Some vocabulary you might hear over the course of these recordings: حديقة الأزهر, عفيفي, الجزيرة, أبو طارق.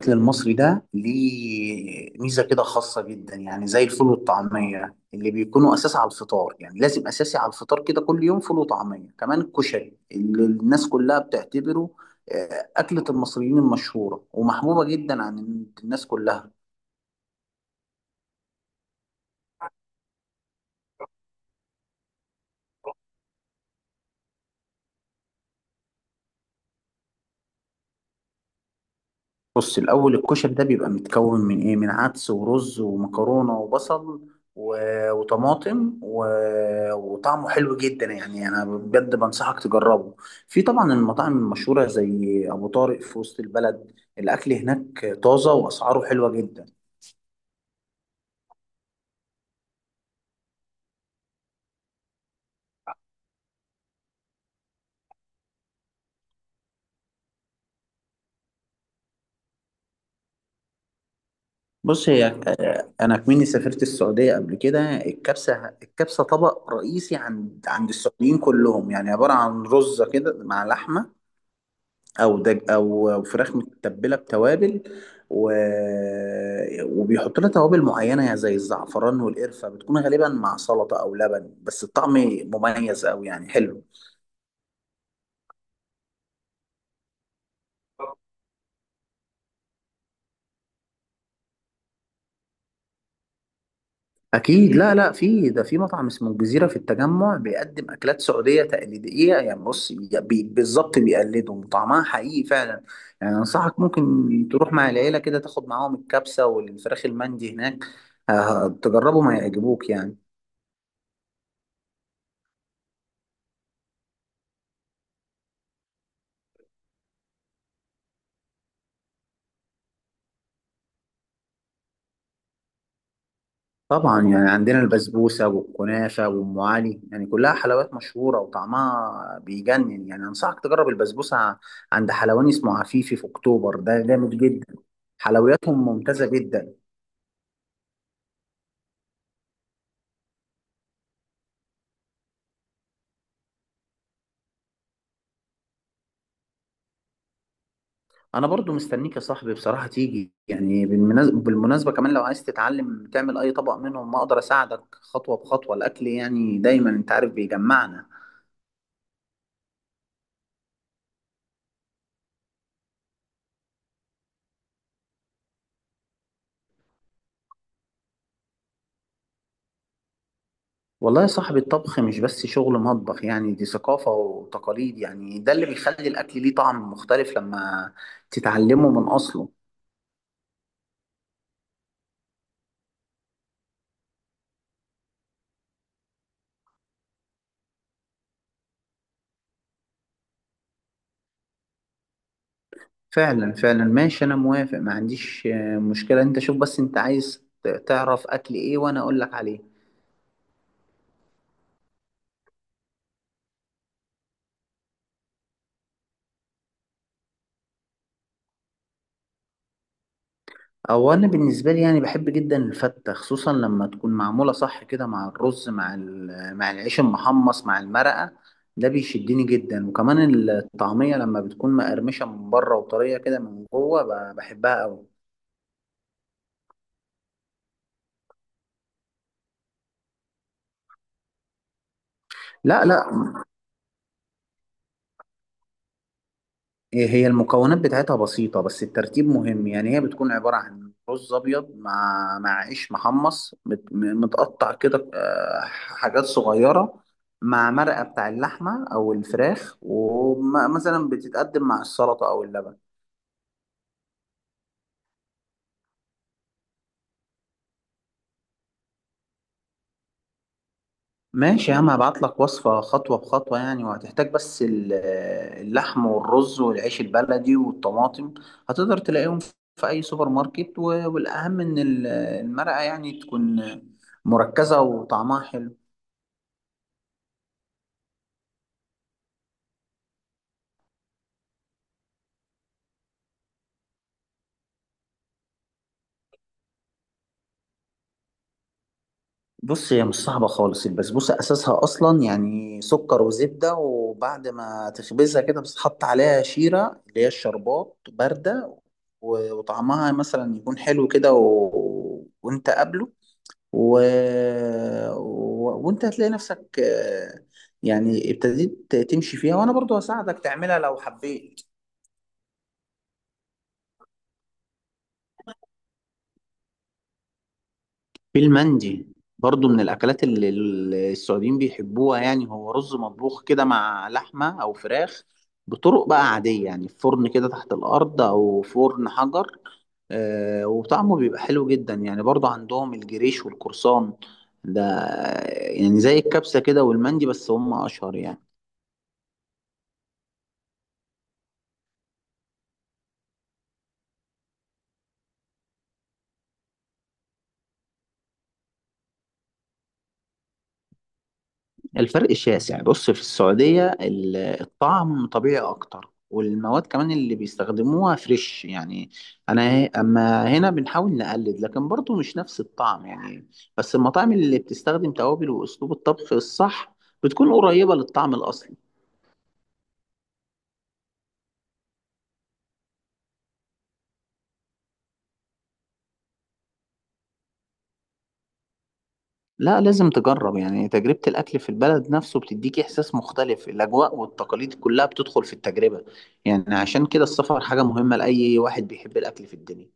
الأكل المصري ده ليه ميزة كده خاصة جدا، يعني زي الفول والطعمية اللي بيكونوا أساس على الفطار، يعني لازم أساسي على الفطار كده كل يوم فول وطعمية. كمان الكشري اللي الناس كلها بتعتبره أكلة المصريين المشهورة ومحبوبة جدا عن الناس كلها. بص، الأول الكشري ده بيبقى متكون من إيه؟ من عدس ورز ومكرونة وبصل و... وطماطم وطعمه حلو جدا، يعني أنا بجد بنصحك تجربه. في طبعا المطاعم المشهورة زي أبو طارق في وسط البلد، الأكل هناك طازة وأسعاره حلوة جدا. بص هي، أنا كمني سافرت السعودية قبل كده. الكبسة طبق رئيسي عند السعوديين كلهم، يعني عبارة عن رز كده مع لحمة او دج او فراخ متبله بتوابل و... وبيحط لها توابل معينه يعني زي الزعفران والقرفه، بتكون غالبا مع سلطه او لبن، بس الطعم مميز قوي يعني حلو. اكيد، لا في، ده في مطعم اسمه الجزيره في التجمع بيقدم اكلات سعوديه تقليديه، يعني بص بالظبط بيقلدهم، طعمها حقيقي فعلا. يعني انصحك ممكن تروح مع العيله كده، تاخد معاهم الكبسه والفراخ المندي هناك، تجربهم هيعجبوك يعني. طبعا يعني عندنا البسبوسة والكنافة وأم علي، يعني كلها حلويات مشهورة وطعمها بيجنن. يعني أنصحك تجرب البسبوسة عند حلواني اسمه عفيفي في أكتوبر، ده جامد جدا، حلوياتهم ممتازة جدا. أنا برضو مستنيك يا صاحبي بصراحة تيجي. يعني بالمناسبة كمان لو عايز تتعلم تعمل أي طبق منهم، ما أقدر أساعدك خطوة بخطوة. الأكل يعني دايما أنت عارف بيجمعنا. والله يا صاحبي، الطبخ مش بس شغل مطبخ، يعني دي ثقافة وتقاليد، يعني ده اللي بيخلي الأكل ليه طعم مختلف لما تتعلمه من أصله. فعلا ماشي، أنا موافق، ما عنديش مشكلة. أنت شوف بس أنت عايز تعرف أكل إيه وأنا أقول لك عليه. أو أنا بالنسبة لي يعني بحب جدا الفتة، خصوصا لما تكون معمولة صح كده مع الرز، مع مع العيش المحمص مع المرقة، ده بيشدني جدا. وكمان الطعمية لما بتكون مقرمشة من بره وطرية كده من جوه، بحبها أوي. لا لا. هي المكونات بتاعتها بسيطة، بس الترتيب مهم. يعني هي بتكون عبارة عن رز أبيض مع عيش محمص متقطع كده، حاجات صغيرة، مع مرقة بتاع اللحمة أو الفراخ، ومثلا بتتقدم مع السلطة أو اللبن. ماشي يا عم، هبعت لك وصفة خطوة بخطوة، يعني وهتحتاج بس اللحم والرز والعيش البلدي والطماطم، هتقدر تلاقيهم في أي سوبر ماركت، والأهم إن المرقة يعني تكون مركزة وطعمها حلو. بص، هي مش صعبة خالص. البسبوسة أساسها أصلا يعني سكر وزبدة، وبعد ما تخبزها كده بتتحط عليها شيرة اللي هي الشربات باردة، وطعمها مثلا يكون حلو كده وأنت قابله و... وانت هتلاقي نفسك، يعني ابتديت تمشي فيها، وانا برضو هساعدك تعملها لو حبيت. في المندي، برضو من الأكلات اللي السعوديين بيحبوها، يعني هو رز مطبوخ كده مع لحمة أو فراخ، بطرق بقى عادية، يعني في فرن كده تحت الأرض أو فرن حجر. وطعمه بيبقى حلو جدا. يعني برضو عندهم الجريش والقرصان ده، يعني زي الكبسة كده والمندي، بس هم أشهر يعني. الفرق شاسع. بص في السعودية الطعم طبيعي أكتر، والمواد كمان اللي بيستخدموها فريش يعني. أنا أما هنا بنحاول نقلد، لكن برضه مش نفس الطعم يعني، بس المطاعم اللي بتستخدم توابل وأسلوب الطبخ الصح بتكون قريبة للطعم الأصلي. لا لازم تجرب، يعني تجربة الأكل في البلد نفسه بتديك إحساس مختلف، الأجواء والتقاليد كلها بتدخل في التجربة، يعني عشان كده السفر حاجة مهمة لأي واحد بيحب الأكل في الدنيا.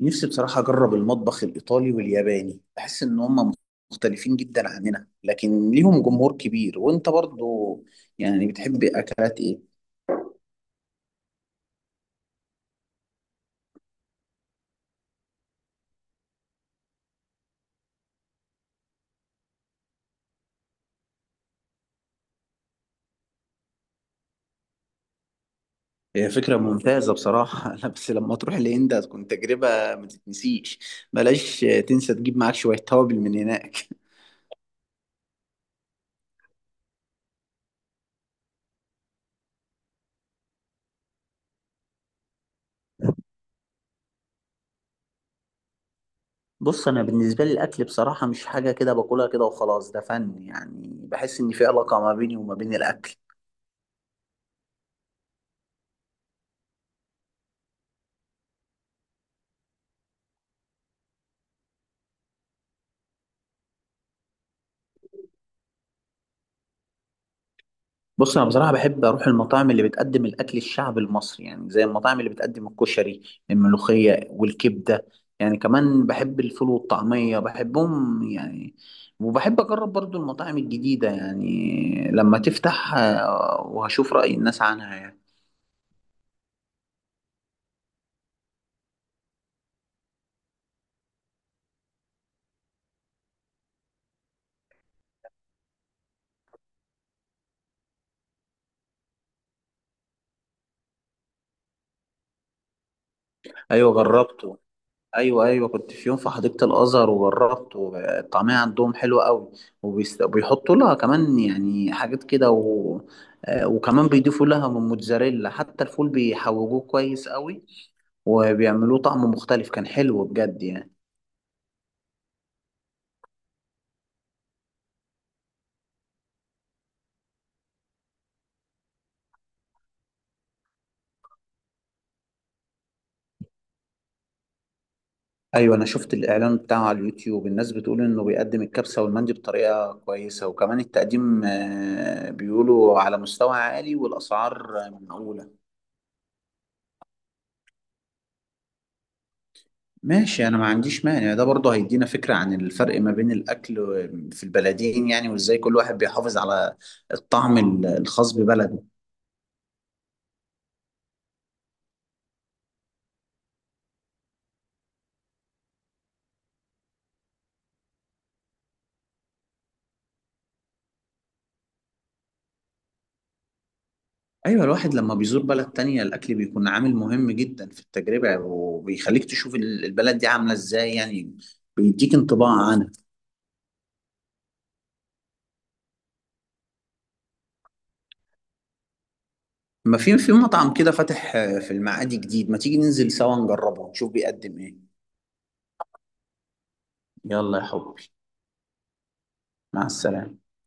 نفسي بصراحة أجرب المطبخ الإيطالي والياباني، بحس إن هما مختلفين جدا عننا لكن ليهم جمهور كبير. وأنت برضو يعني بتحب أكلات إيه؟ هي فكرة ممتازة بصراحة. لا بس لما تروح الهند هتكون تجربة ما تتنسيش، بلاش تنسى تجيب معاك شوية توابل من هناك. بص أنا بالنسبة لي الأكل بصراحة مش حاجة كده باكلها كده وخلاص، ده فن، يعني بحس إن في علاقة ما بيني وما بين الأكل. بص انا بصراحه بحب اروح المطاعم اللي بتقدم الاكل الشعبي المصري، يعني زي المطاعم اللي بتقدم الكشري، الملوخيه والكبده. يعني كمان بحب الفول والطعميه بحبهم يعني. وبحب اجرب برضو المطاعم الجديده، يعني لما تفتح وهشوف راي الناس عنها يعني. ايوه جربته، ايوه كنت في يوم في حديقه الازهر وجربت، والطعميه عندهم حلوه قوي. وبيحطوا لها كمان يعني حاجات كده وكمان بيضيفوا لها من موتزاريلا، حتى الفول بيحوجوه كويس قوي، وبيعملوه طعم مختلف، كان حلو بجد يعني. ايوه انا شفت الاعلان بتاعه على اليوتيوب، الناس بتقول انه بيقدم الكبسه والمندي بطريقه كويسه، وكمان التقديم بيقولوا على مستوى عالي، والاسعار معقوله. ماشي انا ما عنديش مانع، ده برضه هيدينا فكرة عن الفرق ما بين الاكل في البلدين يعني، وازاي كل واحد بيحافظ على الطعم الخاص ببلده. ايوه الواحد لما بيزور بلد تانية الاكل بيكون عامل مهم جدا في التجربة، وبيخليك تشوف البلد دي عاملة ازاي يعني، بيديك انطباع عنها. ما في، في مطعم كده فاتح في المعادي جديد، ما تيجي ننزل سوا نجربه نشوف بيقدم ايه. يلا يا حبي، مع السلامة.